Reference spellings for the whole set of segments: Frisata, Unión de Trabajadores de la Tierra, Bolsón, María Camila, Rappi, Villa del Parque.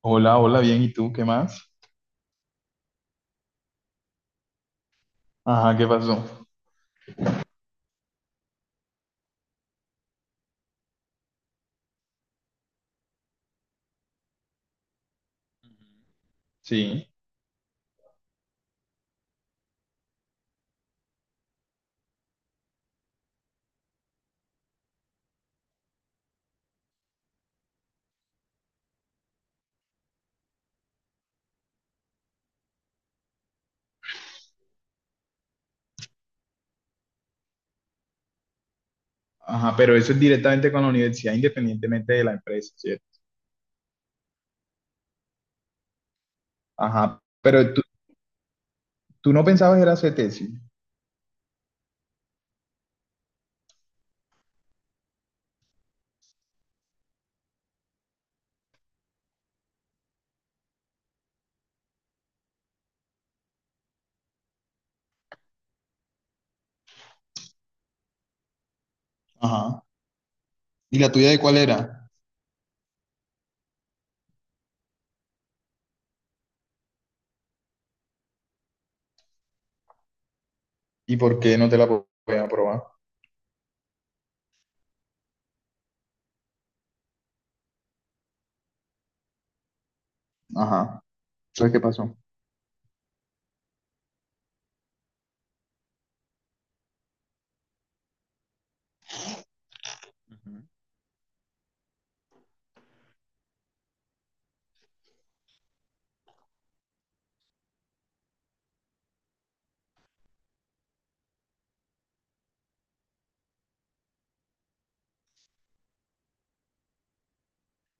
Hola, hola, bien, ¿y tú qué más? Ajá, ¿qué pasó? Sí, ajá, pero eso es directamente con la universidad, independientemente de la empresa, ¿cierto? Ajá, pero tú no pensabas era hacer tesis. Ajá, ¿y la tuya de cuál era? ¿Y por qué no te la podían aprobar? Ajá, ¿sabes qué pasó? Ujú.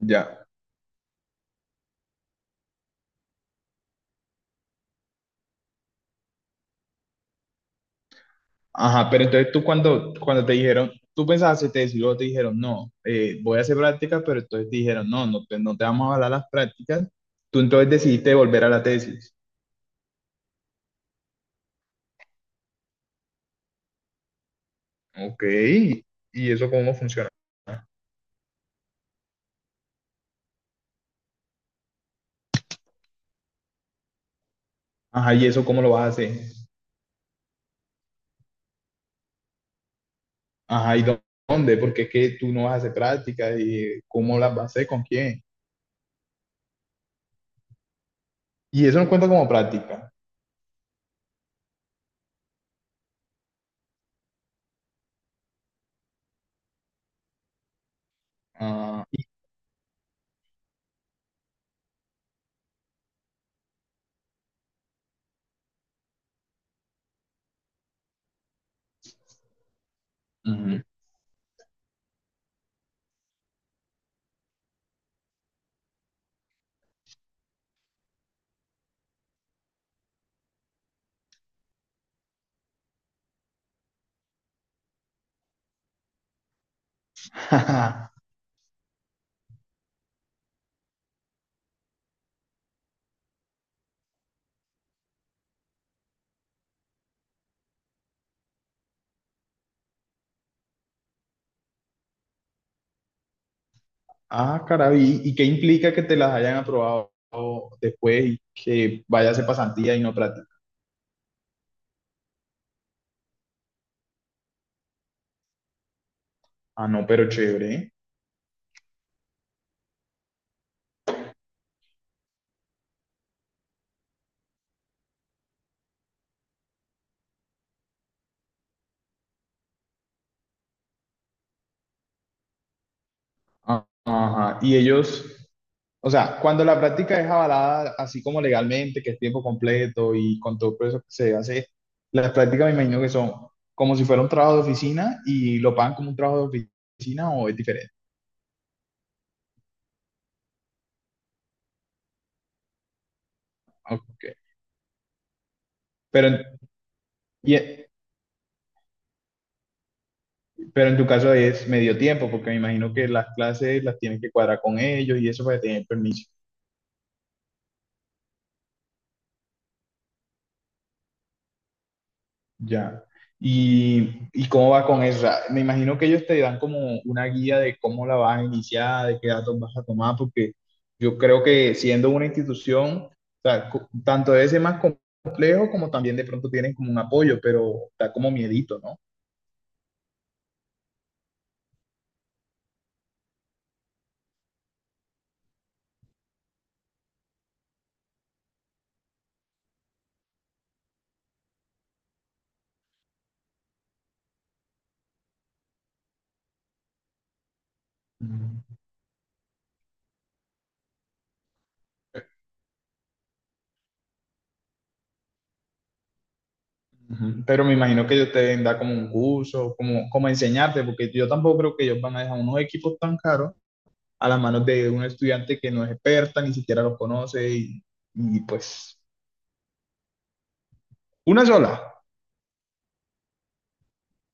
Ya, ajá, pero entonces tú cuando, cuando te dijeron, tú pensabas hacer tesis, luego te dijeron, no, voy a hacer prácticas, pero entonces te dijeron, no, no te vamos a hablar las prácticas, tú entonces decidiste volver a la tesis. Ok, ¿y eso cómo funciona? Ajá, ¿y eso cómo lo vas a hacer? Ajá, ¿y dónde? Porque es que tú no vas a hacer prácticas y cómo las vas a hacer, con quién. Y eso no cuenta como práctica. Ah, ujú. Ah, caray, ¿y qué implica que te las hayan aprobado después y que vayas a hacer pasantía y no práctica? Ah, no, pero chévere. Ajá. Y ellos, o sea, cuando la práctica es avalada así como legalmente, que es tiempo completo y con todo eso que se hace, las prácticas me imagino que son como si fuera un trabajo de oficina y lo pagan como un trabajo de oficina o es diferente. Ok. Pero, en- y, pero en tu caso es medio tiempo, porque me imagino que las clases las tienes que cuadrar con ellos y eso para tener permiso. Ya. ¿Y cómo va con esa? Me imagino que ellos te dan como una guía de cómo la vas a iniciar, de qué datos vas a tomar, porque yo creo que siendo una institución, o sea, tanto debe ser más complejo como también de pronto tienen como un apoyo, pero da como miedito, ¿no? Mm. Ujú. Pero me imagino que ellos te deben dar como un curso, como, como enseñarte, porque yo tampoco creo que ellos van a dejar unos equipos tan caros a las manos de un estudiante que no es experta, ni siquiera los conoce y pues una sola.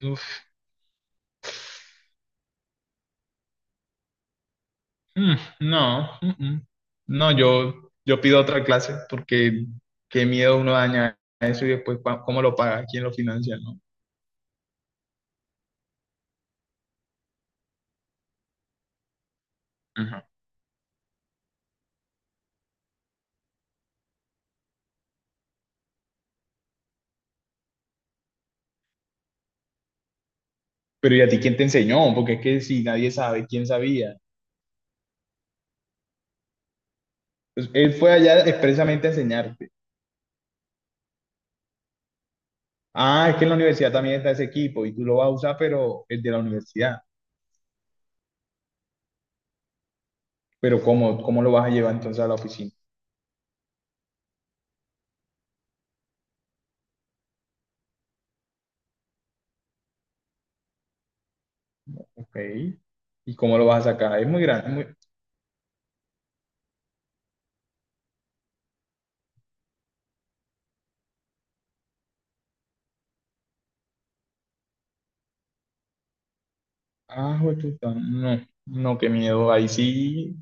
Uf, mm, no, mm, mm. No, yo pido otra clase porque qué miedo uno daña eso y después cómo lo paga, quién lo financia, ¿no? Ajá. Pero ¿y a ti quién te enseñó? Porque es que si nadie sabe, ¿quién sabía? Pues, él fue allá expresamente a enseñarte. Ah, es que en la universidad también está ese equipo y tú lo vas a usar, pero el de la universidad. Pero ¿cómo lo vas a llevar entonces a la oficina? Ok. ¿Y cómo lo vas a sacar? Es muy grande. Ah, jue puta, no, no, qué miedo. Ahí sí,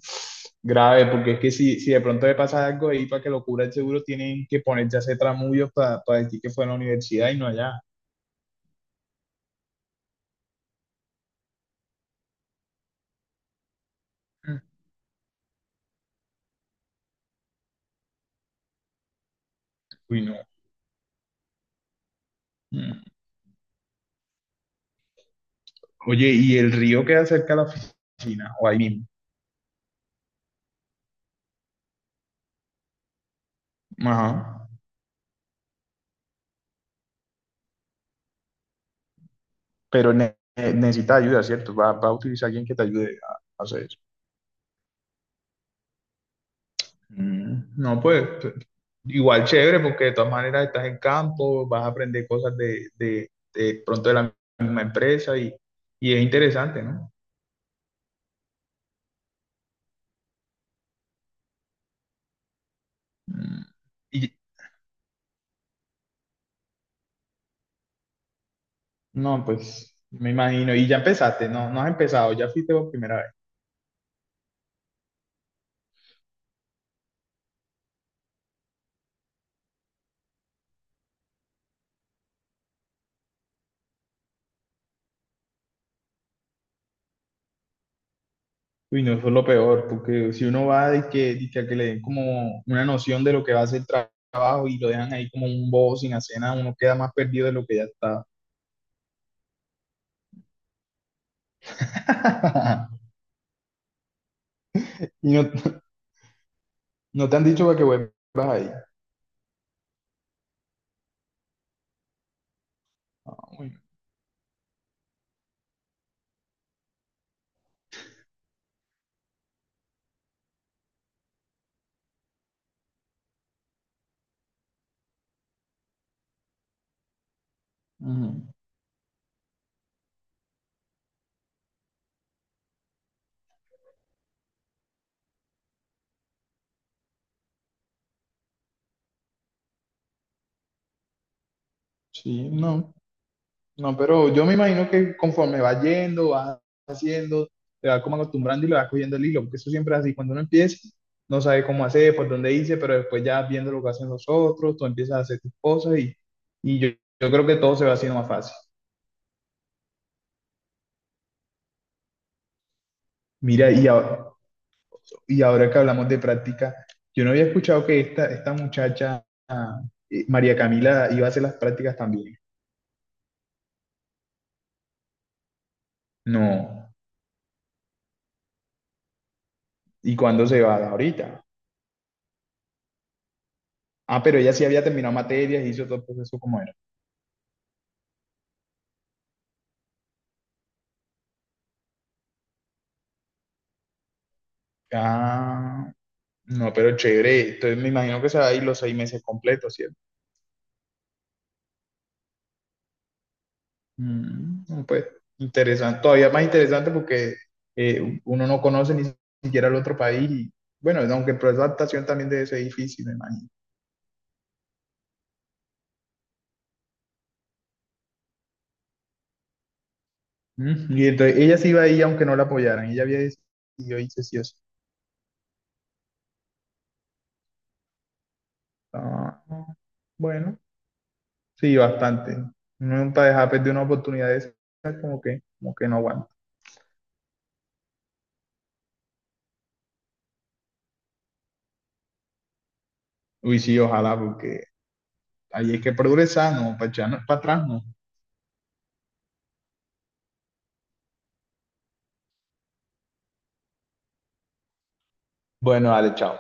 grave, porque es que si de pronto le pasa algo ahí para que lo cubra el seguro, tienen que ponerse a hacer tramullos para decir que fue a la universidad y no allá. Mm. Uy, no. Mm. Oye, ¿y el río queda cerca de la oficina o ahí mismo? Ajá. Pero necesita ayuda, ¿cierto? Va a utilizar alguien que te ayude a hacer eso. Mm, no, pues igual chévere porque de todas maneras estás en campo, vas a aprender cosas de, de pronto de la misma empresa y es interesante, ¿no? Mm, y no, pues me imagino, y ya empezaste, no, no has empezado, ya fuiste por primera vez. Uy, no, eso es lo peor, porque si uno va de que a que le den como una noción de lo que va a ser el trabajo y lo dejan ahí como un bobo sin hacer nada, uno queda más perdido de lo que ya está. Y no, no te han dicho para que vuelvas ahí. Ah, ujú. Sí, no, no, pero yo me imagino que conforme va yendo, va haciendo, te va como acostumbrando y le va cogiendo el hilo, porque eso siempre es así, cuando uno empieza, no sabe cómo hacer, por dónde irse, pero después ya viendo lo que hacen los otros, tú empiezas a hacer tus cosas y yo creo que todo se va haciendo más fácil. Mira, y ahora que hablamos de práctica, yo no había escuchado que esta muchacha, ah, María Camila, iba a hacer las prácticas también. No, ¿y cuándo se va? Ahorita. Ah, pero ella sí había terminado materias y hizo todo el proceso como era. Ah, no, pero chévere. Entonces me imagino que se va a ir los 6 meses completos, ¿cierto? Mm, no, pues interesante. Todavía más interesante porque uno no conoce ni siquiera el otro país. Y, bueno, aunque el proceso de adaptación también debe ser difícil, me imagino. Mm, y entonces ella sí iba ahí aunque no la apoyaran. Ella había decidido irse sí o sí. Ah, bueno, sí, bastante. Uno para dejar perder una oportunidad de esa, como que no aguanta. Uy, sí, ojalá, porque ahí hay que progresar, no, para echarnos para atrás, no. Bueno, dale, chao.